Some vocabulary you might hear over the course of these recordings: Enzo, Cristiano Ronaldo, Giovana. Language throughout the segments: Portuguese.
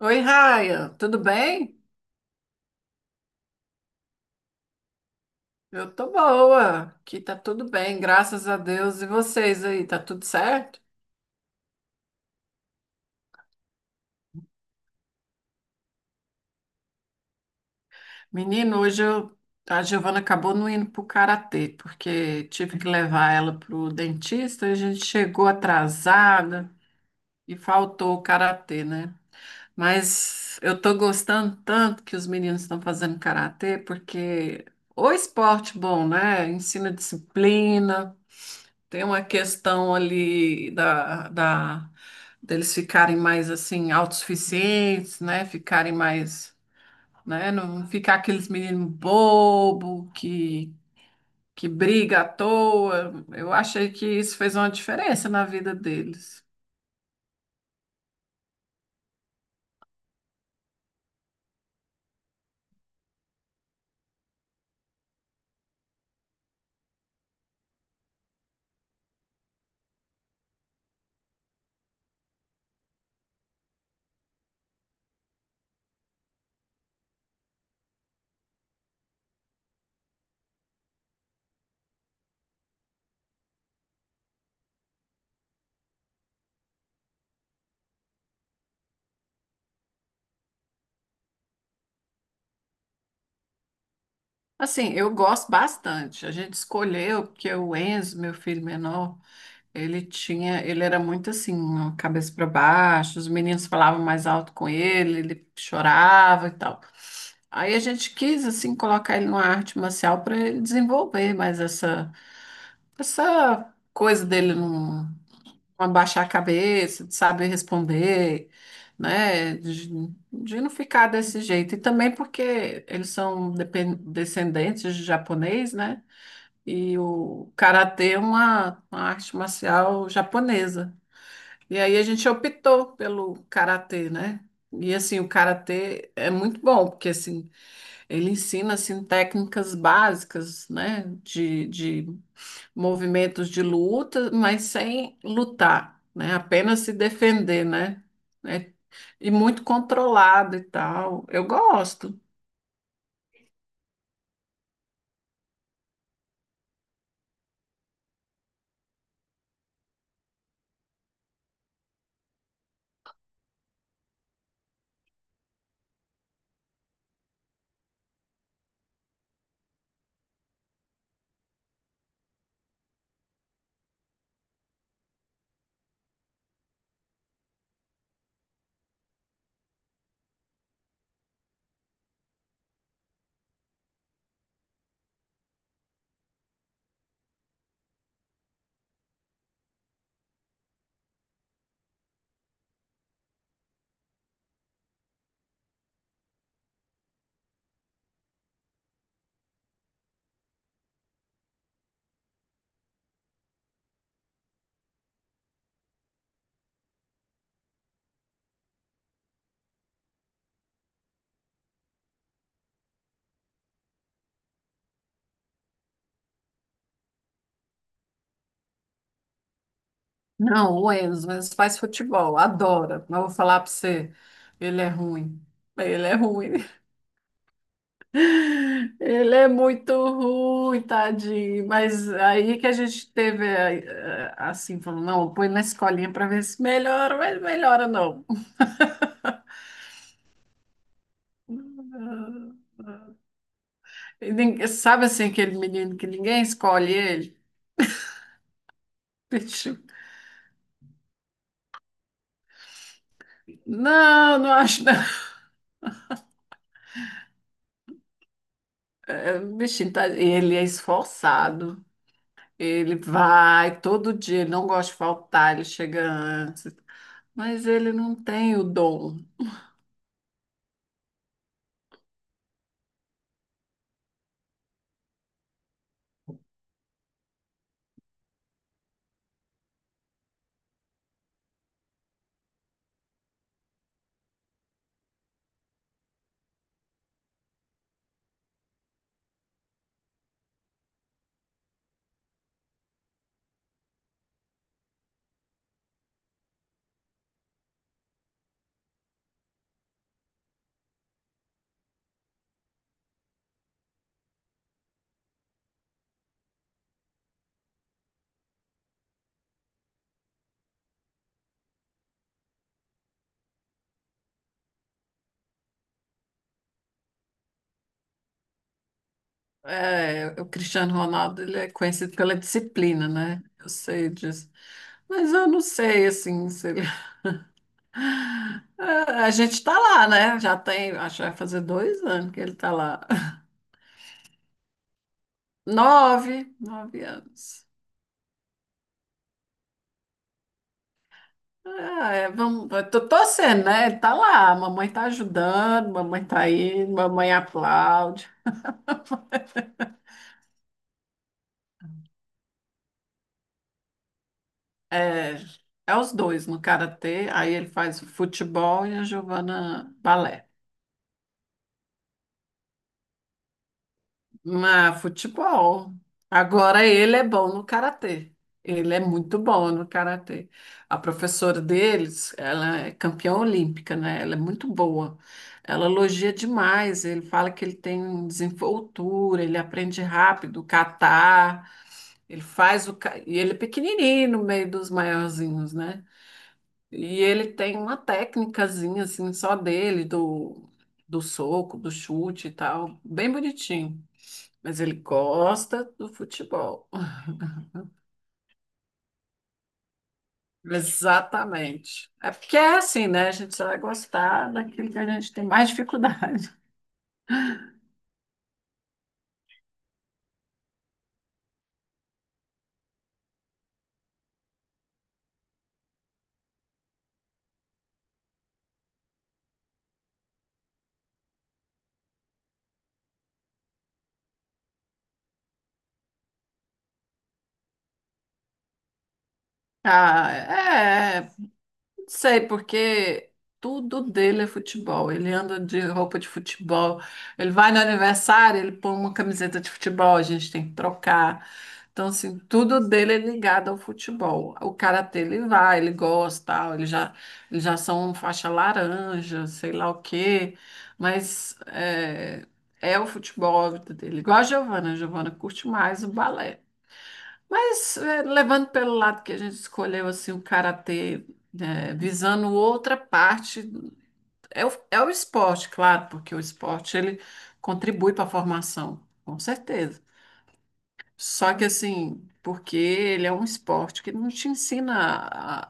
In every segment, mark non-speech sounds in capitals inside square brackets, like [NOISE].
Oi, Raia, tudo bem? Eu tô boa, aqui tá tudo bem, graças a Deus. E vocês aí, tá tudo certo? Menino, hoje a Giovana acabou não indo pro karatê, porque tive que levar ela pro dentista, a gente chegou atrasada e faltou o karatê, né? Mas eu tô gostando tanto que os meninos estão fazendo karatê, porque o esporte bom, né? Ensina disciplina. Tem uma questão ali deles ficarem mais assim autossuficientes, né? Ficarem mais, né? Não ficar aqueles meninos bobo que briga à toa. Eu achei que isso fez uma diferença na vida deles. Assim, eu gosto bastante. A gente escolheu porque o Enzo, meu filho menor, ele tinha, ele era muito assim, ó, cabeça para baixo, os meninos falavam mais alto com ele, ele chorava e tal. Aí a gente quis assim colocar ele numa arte marcial para ele desenvolver mais essa coisa dele não, não abaixar a cabeça, de saber responder, né, de não ficar desse jeito. E também porque eles são descendentes de japonês, né? E o karatê é uma arte marcial japonesa. E aí a gente optou pelo karatê, né? E assim, o karatê é muito bom, porque assim, ele ensina assim técnicas básicas, né, de movimentos de luta, mas sem lutar, né? Apenas se defender, né? É- E muito controlado e tal. Eu gosto. Não, o Enzo faz futebol, adora. Mas vou falar para você, ele é ruim. Ele é ruim. Ele é muito ruim, tadinho. Mas aí que a gente teve, assim, falou, não, põe na escolinha para ver se melhora, mas melhora não. Sabe assim, aquele menino que ninguém escolhe ele? Bicho, não, não acho não. É, bichinho, tá, ele é esforçado. Ele vai todo dia, ele não gosta de faltar, ele chega antes. Mas ele não tem o dom. É, o Cristiano Ronaldo, ele é conhecido pela disciplina, né? Eu sei disso. Mas eu não sei, assim, se ele... [LAUGHS] É, a gente tá lá, né? Já tem, acho que vai fazer 2 anos que ele tá lá. [LAUGHS] Nove, 9 anos. Ah, é, vamos, eu tô torcendo, né? Ele tá lá, a mamãe tá ajudando, mamãe tá indo, mamãe aplaude. É, é os dois no karatê, aí ele faz futebol e a Giovana balé. Ah, futebol. Agora ele é bom no karatê. Ele é muito bom no karatê. A professora deles, ela é campeã olímpica, né? Ela é muito boa. Ela elogia demais. Ele fala que ele tem desenvoltura, ele aprende rápido, o catar, ele faz e ele é pequenininho no meio dos maiorzinhos, né? E ele tem uma técnicazinha assim só dele do soco, do chute e tal, bem bonitinho. Mas ele gosta do futebol. [LAUGHS] Exatamente. É porque é assim, né? A gente só vai gostar daquilo que a gente tem mais dificuldade. [LAUGHS] Ah, é. Não sei, porque tudo dele é futebol. Ele anda de roupa de futebol. Ele vai no aniversário, ele põe uma camiseta de futebol, a gente tem que trocar. Então, assim, tudo dele é ligado ao futebol. O karatê ele vai, ele gosta, tal, ele já, eles já são faixa laranja, sei lá o quê. Mas é, é o futebol a vida dele. Igual a Giovana curte mais o balé. Mas é, levando pelo lado que a gente escolheu assim o karatê, né, visando outra parte, é o, é o esporte, claro, porque o esporte ele contribui para a formação, com certeza. Só que assim, porque ele é um esporte que não te ensina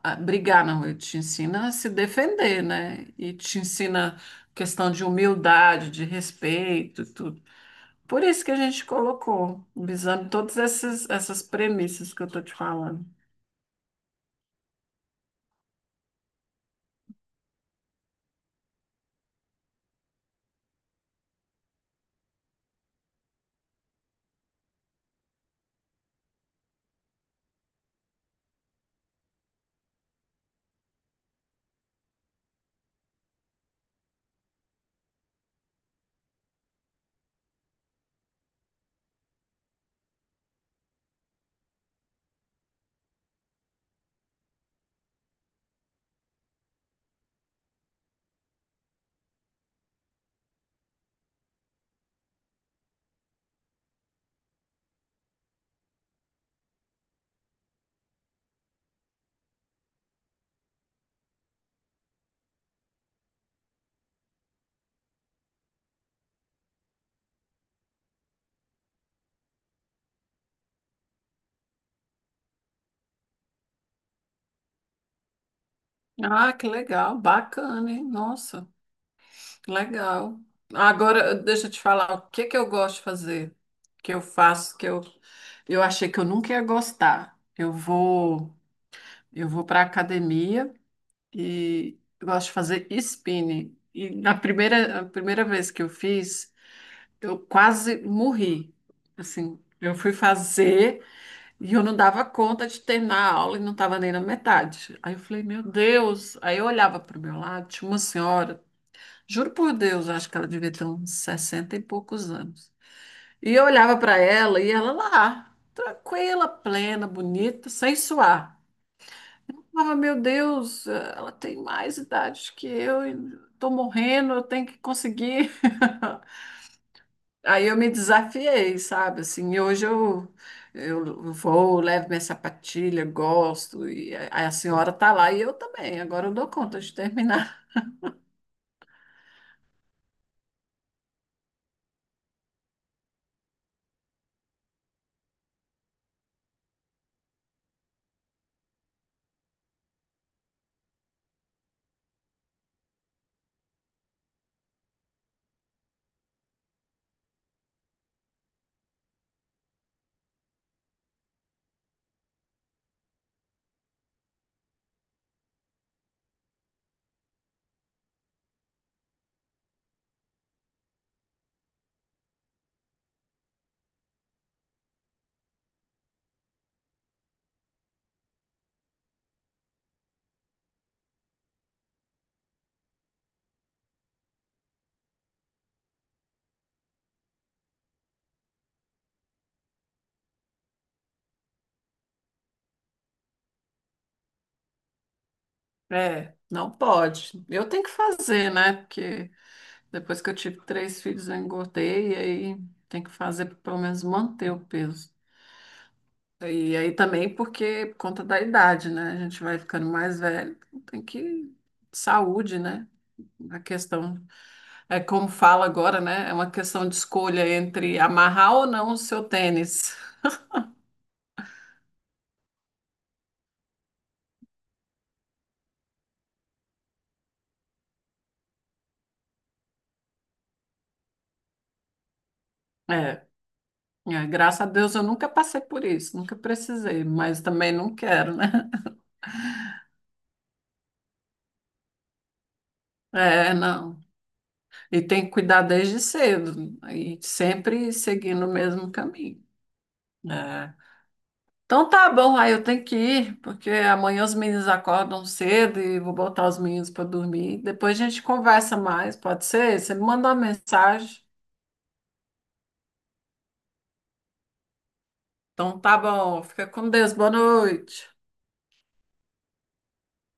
a brigar, não, ele te ensina a se defender, né? E te ensina questão de humildade, de respeito, e tudo. Por isso que a gente colocou, visando todas essas, essas premissas que eu tô te falando. Ah, que legal, bacana, hein? Nossa, que legal. Agora, deixa eu te falar, o que que eu gosto de fazer? Que eu faço, que eu achei que eu nunca ia gostar. Eu vou para academia e eu gosto de fazer spinning. E na a primeira vez que eu fiz, eu quase morri. Assim, eu fui fazer. E eu não dava conta de terminar a aula e não estava nem na metade. Aí eu falei, meu Deus. Aí eu olhava para o meu lado, tinha uma senhora, juro por Deus, eu acho que ela devia ter uns 60 e poucos anos. E eu olhava para ela e ela lá, tranquila, plena, bonita, sem suar. Eu falava, meu Deus, ela tem mais idade que eu, e tô morrendo, eu tenho que conseguir. [LAUGHS] Aí eu me desafiei, sabe? Assim, e hoje eu vou, levo minha sapatilha, gosto, e a senhora tá lá e eu também. Agora eu dou conta de terminar. [LAUGHS] É, não pode. Eu tenho que fazer, né? Porque depois que eu tive 3 filhos, eu engordei, e aí tem que fazer para pelo menos manter o peso. E aí também porque por conta da idade, né? A gente vai ficando mais velho, tem que. Saúde, né? A questão é como fala agora, né? É uma questão de escolha entre amarrar ou não o seu tênis. É, é, graças a Deus eu nunca passei por isso, nunca precisei, mas também não quero, né? [LAUGHS] É, não. E tem que cuidar desde cedo e sempre seguindo o mesmo caminho. É. Então tá bom, aí eu tenho que ir, porque amanhã os meninos acordam cedo e vou botar os meninos para dormir. Depois a gente conversa mais, pode ser? Você me manda uma mensagem. Então tá bom, fica com Deus, boa noite.